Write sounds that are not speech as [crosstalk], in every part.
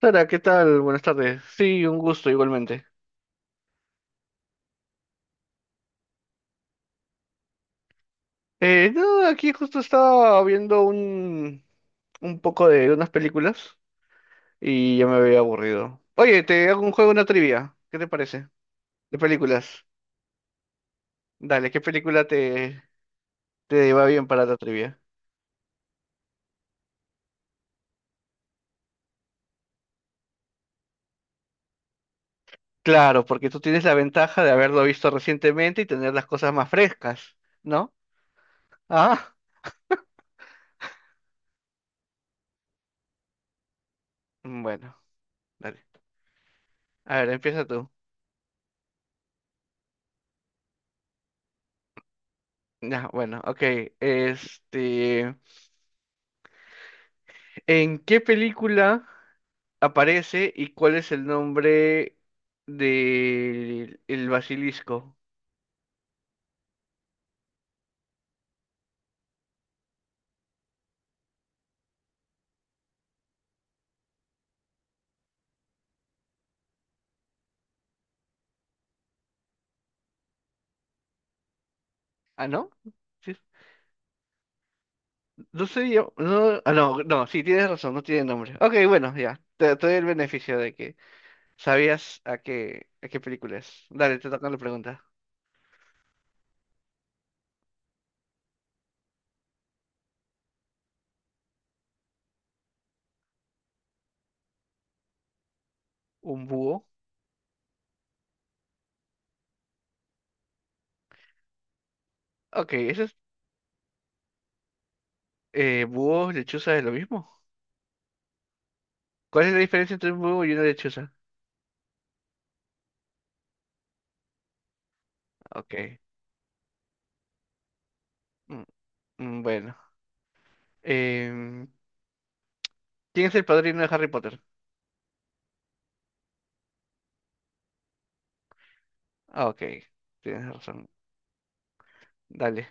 Sara, ¿qué tal? Buenas tardes. Sí, un gusto igualmente. No, aquí justo estaba viendo un poco de unas películas y ya me había aburrido. Oye, te hago un juego, una trivia. ¿Qué te parece? De películas. Dale, ¿qué te va bien para la trivia? Claro, porque tú tienes la ventaja de haberlo visto recientemente y tener las cosas más frescas, ¿no? Ah, bueno, dale. A ver, empieza tú. Ya, bueno, ok. Este, ¿en qué película aparece y cuál es el nombre del el basilisco? Ah, ¿no? Sí, no sé yo. No, no, no, sí, tienes razón, no tiene nombre. Ok, bueno, ya. Te doy el beneficio de que a qué película es. Dale, te toca la pregunta. ¿Un búho? Ok, eso es. ¿Búho, lechuza es lo mismo? ¿Cuál es la diferencia entre un búho y una lechuza? Ok. mm, bueno. Em, ¿Quién es el padrino de Harry Potter? Ah, ok, tienes razón. Dale.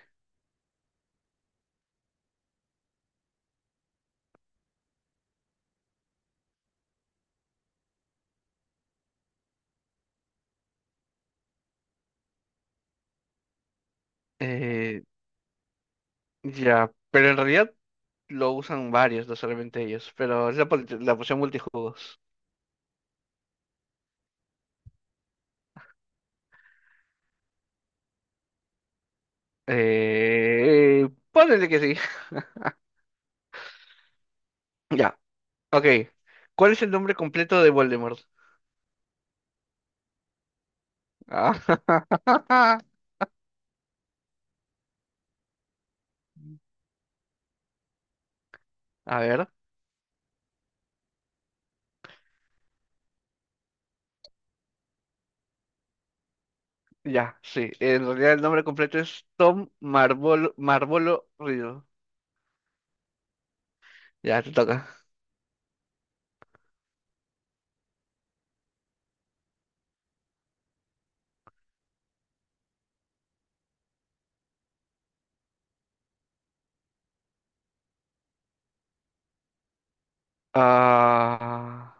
Eh, ya, pero en realidad lo usan varios, no solamente ellos, pero es la opción multijugos. Ponele que sí. [laughs] Ya, ok. ¿Cuál es el nombre completo de Voldemort? Ah, [laughs] a ver, ya, sí. En realidad el nombre completo es Tom Marvolo Riddle. Ya, te toca. Ah,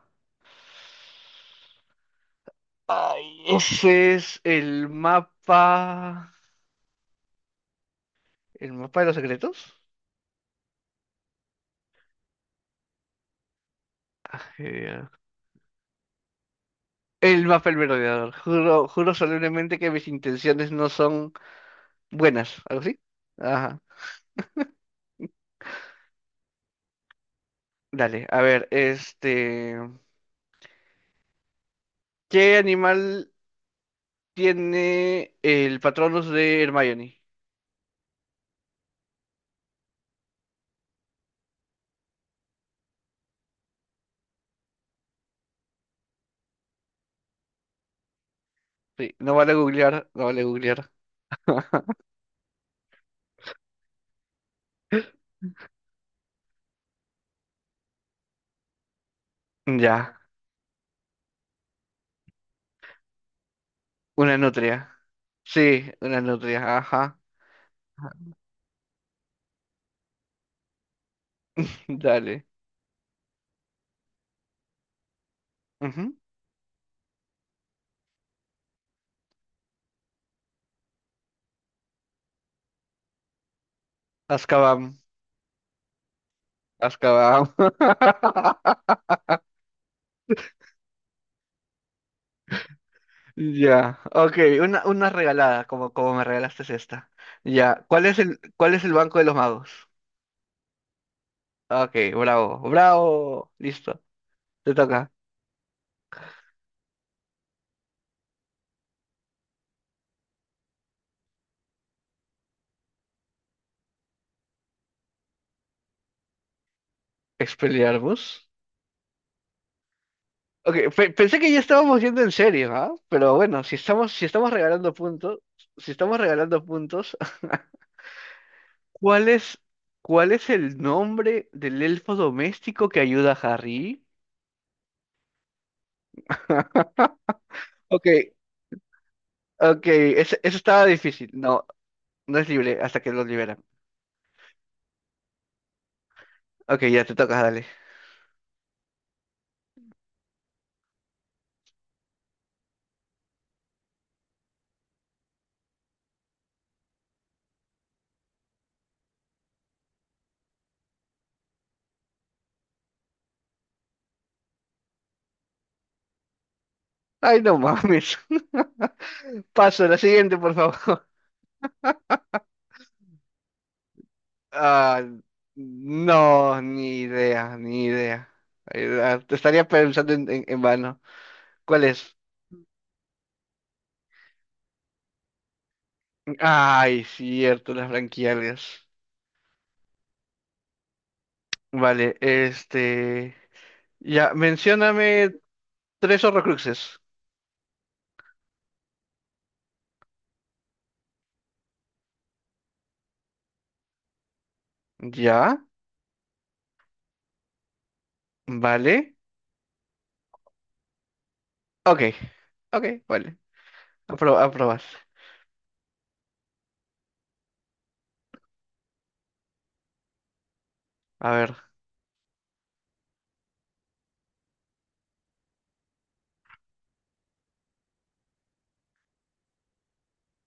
ay, ese es el mapa... ¿El mapa de los secretos? Eh, El Mapel Merodeador. Juro, juro solemnemente que mis intenciones no son buenas. ¿Algo así? Ajá. Dale, a ver, este. ¿Qué animal tiene el Patronus de Hermione? Sí, no vale googlear, no vale googlear. [laughs] Ya, una nutria. Sí, una nutria, ajá. Dale. Ujú. Azkaban, Azkaban. [laughs] Ya, ok, una regalada, como, como me regalaste esta. Ya, ¿cuál es cuál es el banco de los magos? Ok, bravo, bravo, listo, te toca. Expelliarmus. Ok, pensé que ya estábamos yendo en serio, ¿ah? Pero bueno, si estamos, si estamos regalando puntos, si estamos regalando puntos, [laughs] ¿cuál cuál es el nombre del elfo doméstico que ayuda a Harry? [laughs] Ok, ok, ese estaba difícil, no, no es libre hasta que lo libera. Ok, ya te toca dale. Ay, no mames. [laughs] Paso, la siguiente, por favor. [laughs] Ah, no, ni idea, ni idea. Te estaría pensando en vano. ¿Cuál es? Ay, cierto, las branquialias. Vale, este. Ya, mencióname tres horrocruxes. Ya, vale. Ok, ok, vale. Aprobas. A ver.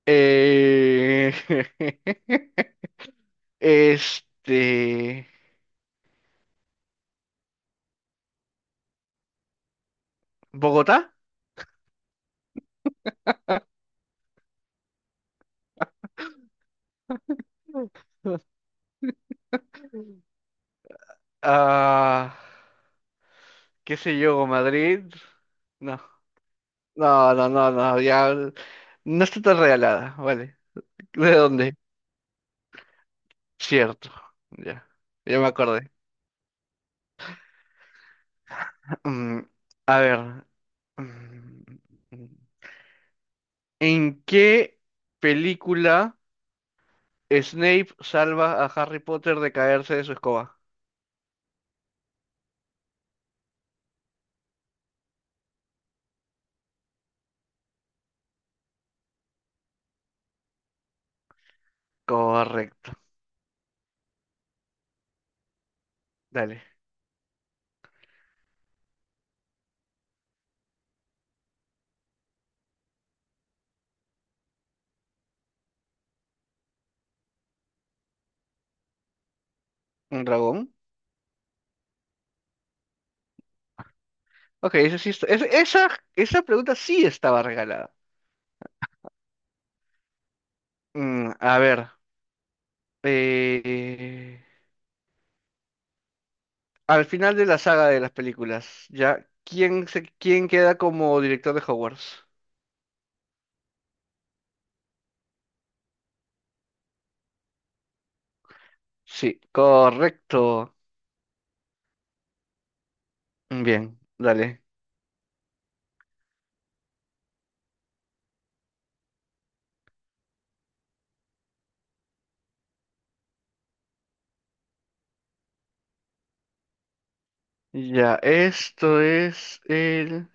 Eh... [laughs] Este, Bogotá, ah, qué sé yo, Madrid. No, no, no, no, no, ya no está tan regalada, vale. ¿De dónde? Cierto, ya, ya me acordé. Mm, a ver, mm, ¿En qué película Snape salva a Harry Potter de caerse de su escoba? Correcto, dale. ¿Un dragón? Ok, eso sí esa pregunta sí estaba regalada. Mm, a ver, eh, al final de la saga de las películas, ¿ya? Quién queda como director de Hogwarts? Sí, correcto. Bien, dale. Ya, esto es el...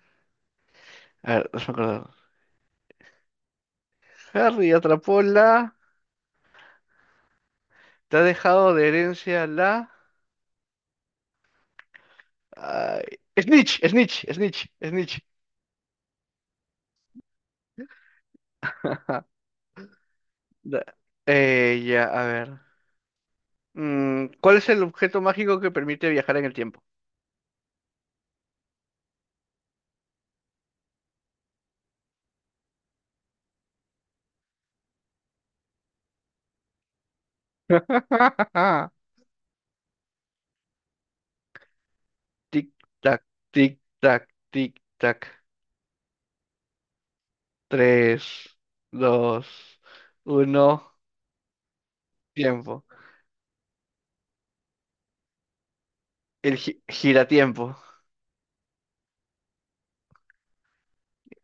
A ver, déjame acordar. Harry atrapó la... Te ha dejado de herencia la... ay, Snitch, Snitch, Snitch, Snitch. Ja, da- ya, a ver. ¿Cuál es el objeto mágico que permite viajar en el tiempo? [laughs] Tic, tac, tic, tac, tic, tac. Tres, dos, uno, tiempo. El giratiempo.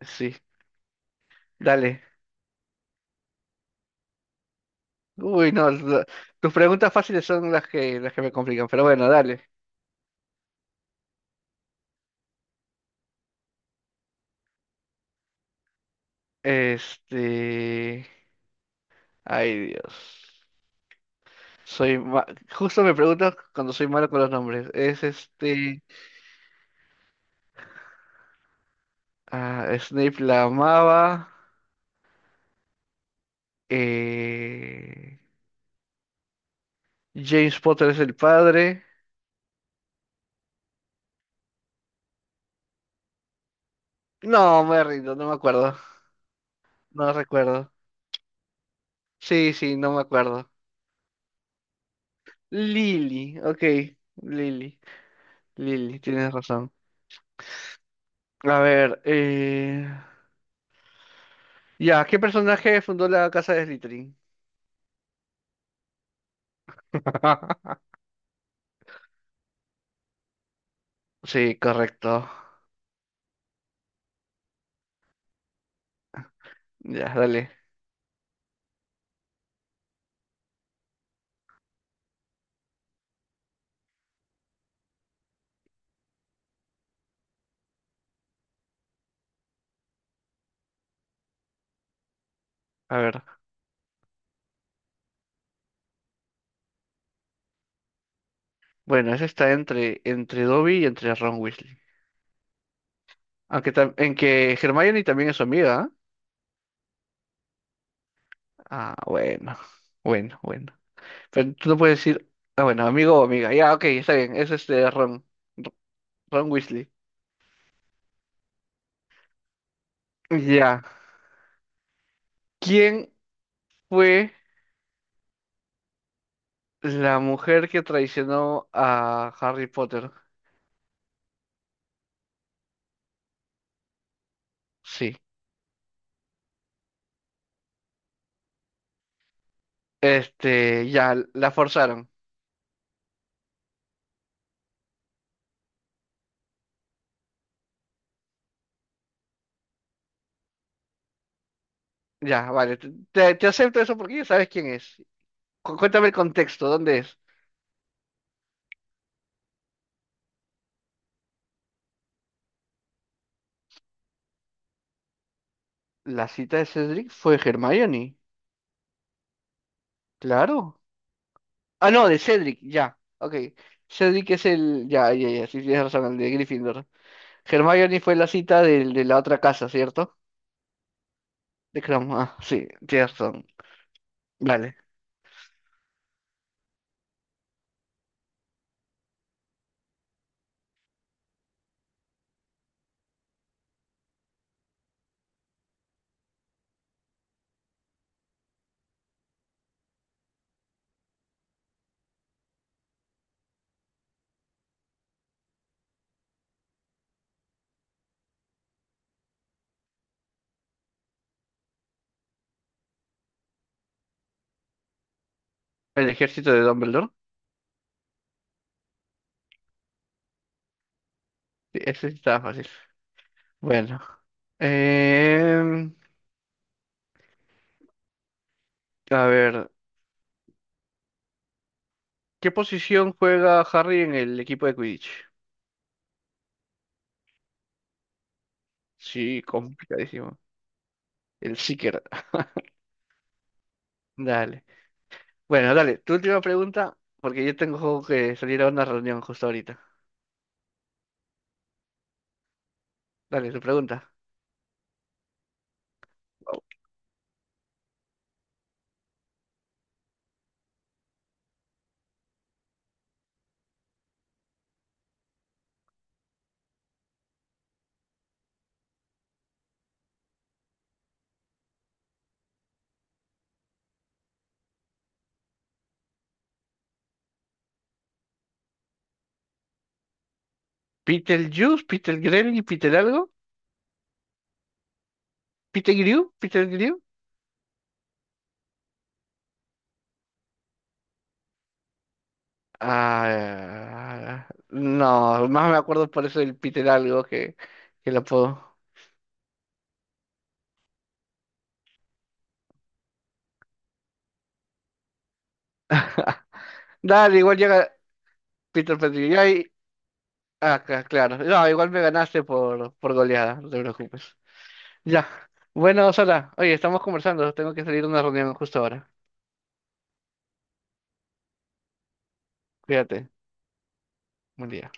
Sí, dale. Uy, no, tus preguntas fáciles son las que me complican, pero bueno, dale. Este... Ay, Dios. Soy ma- Justo me preguntas cuando soy malo con los nombres. Es este... Ah, Snape la amaba. Eh, James Potter es el padre. No, me rindo, no me acuerdo. No recuerdo. Sí, sí, no me acuerdo. Lily, ok. Lily, Lily, tienes razón. A ver, eh... ya, ¿qué personaje fundó la casa de Slytherin? [laughs] Sí, correcto. Ya, dale. A ver. Bueno, ese está entre, entre Dobby y entre Ron Weasley. En que Hermione también es su amiga. ¿Ah? Ah, bueno. Bueno, bueno. Pero tú no puedes decir, ah, bueno, amigo o amiga. Ya, ok, está bien. Es este Ron. R- Ron Weasley. Ya. ¿Quién fue la mujer que traicionó a Harry Potter? Sí. Este, ya, la forzaron. Ya, vale. Te acepto eso porque ya sabes quién es. Cuéntame el contexto, ¿dónde es? La cita de Cedric fue Hermione. Claro. Ah, no, de Cedric, ya. Ok. Cedric es el. Ya, ya, ya. Sí, tienes razón, el de Gryffindor. Hermione fue la cita de la otra casa, ¿cierto? De Crom, ah, sí, tienes razón. Vale. El ejército de Dumbledore. Sí, ese sí estaba fácil. Bueno. Em, a ver, ¿qué posición juega Harry en el equipo de Quidditch? Sí, complicadísimo. El Seeker. Dale. Bueno, dale, tu última pregunta, porque yo tengo que salir a una reunión justo ahorita. Dale, tu pregunta. Wow. Peter Peter Green y Peter algo? ¿Peter Grew? ¿Peter Grew? Ah, no, más me acuerdo por eso del Peter algo que lo puedo. [laughs] Dale, igual llega Peter Petrillo. Claro. No, igual me ganaste por goleada, no te preocupes. Ya. Bueno, Sara, oye, estamos conversando. Tengo que salir a una reunión justo ahora. Cuídate. Buen día.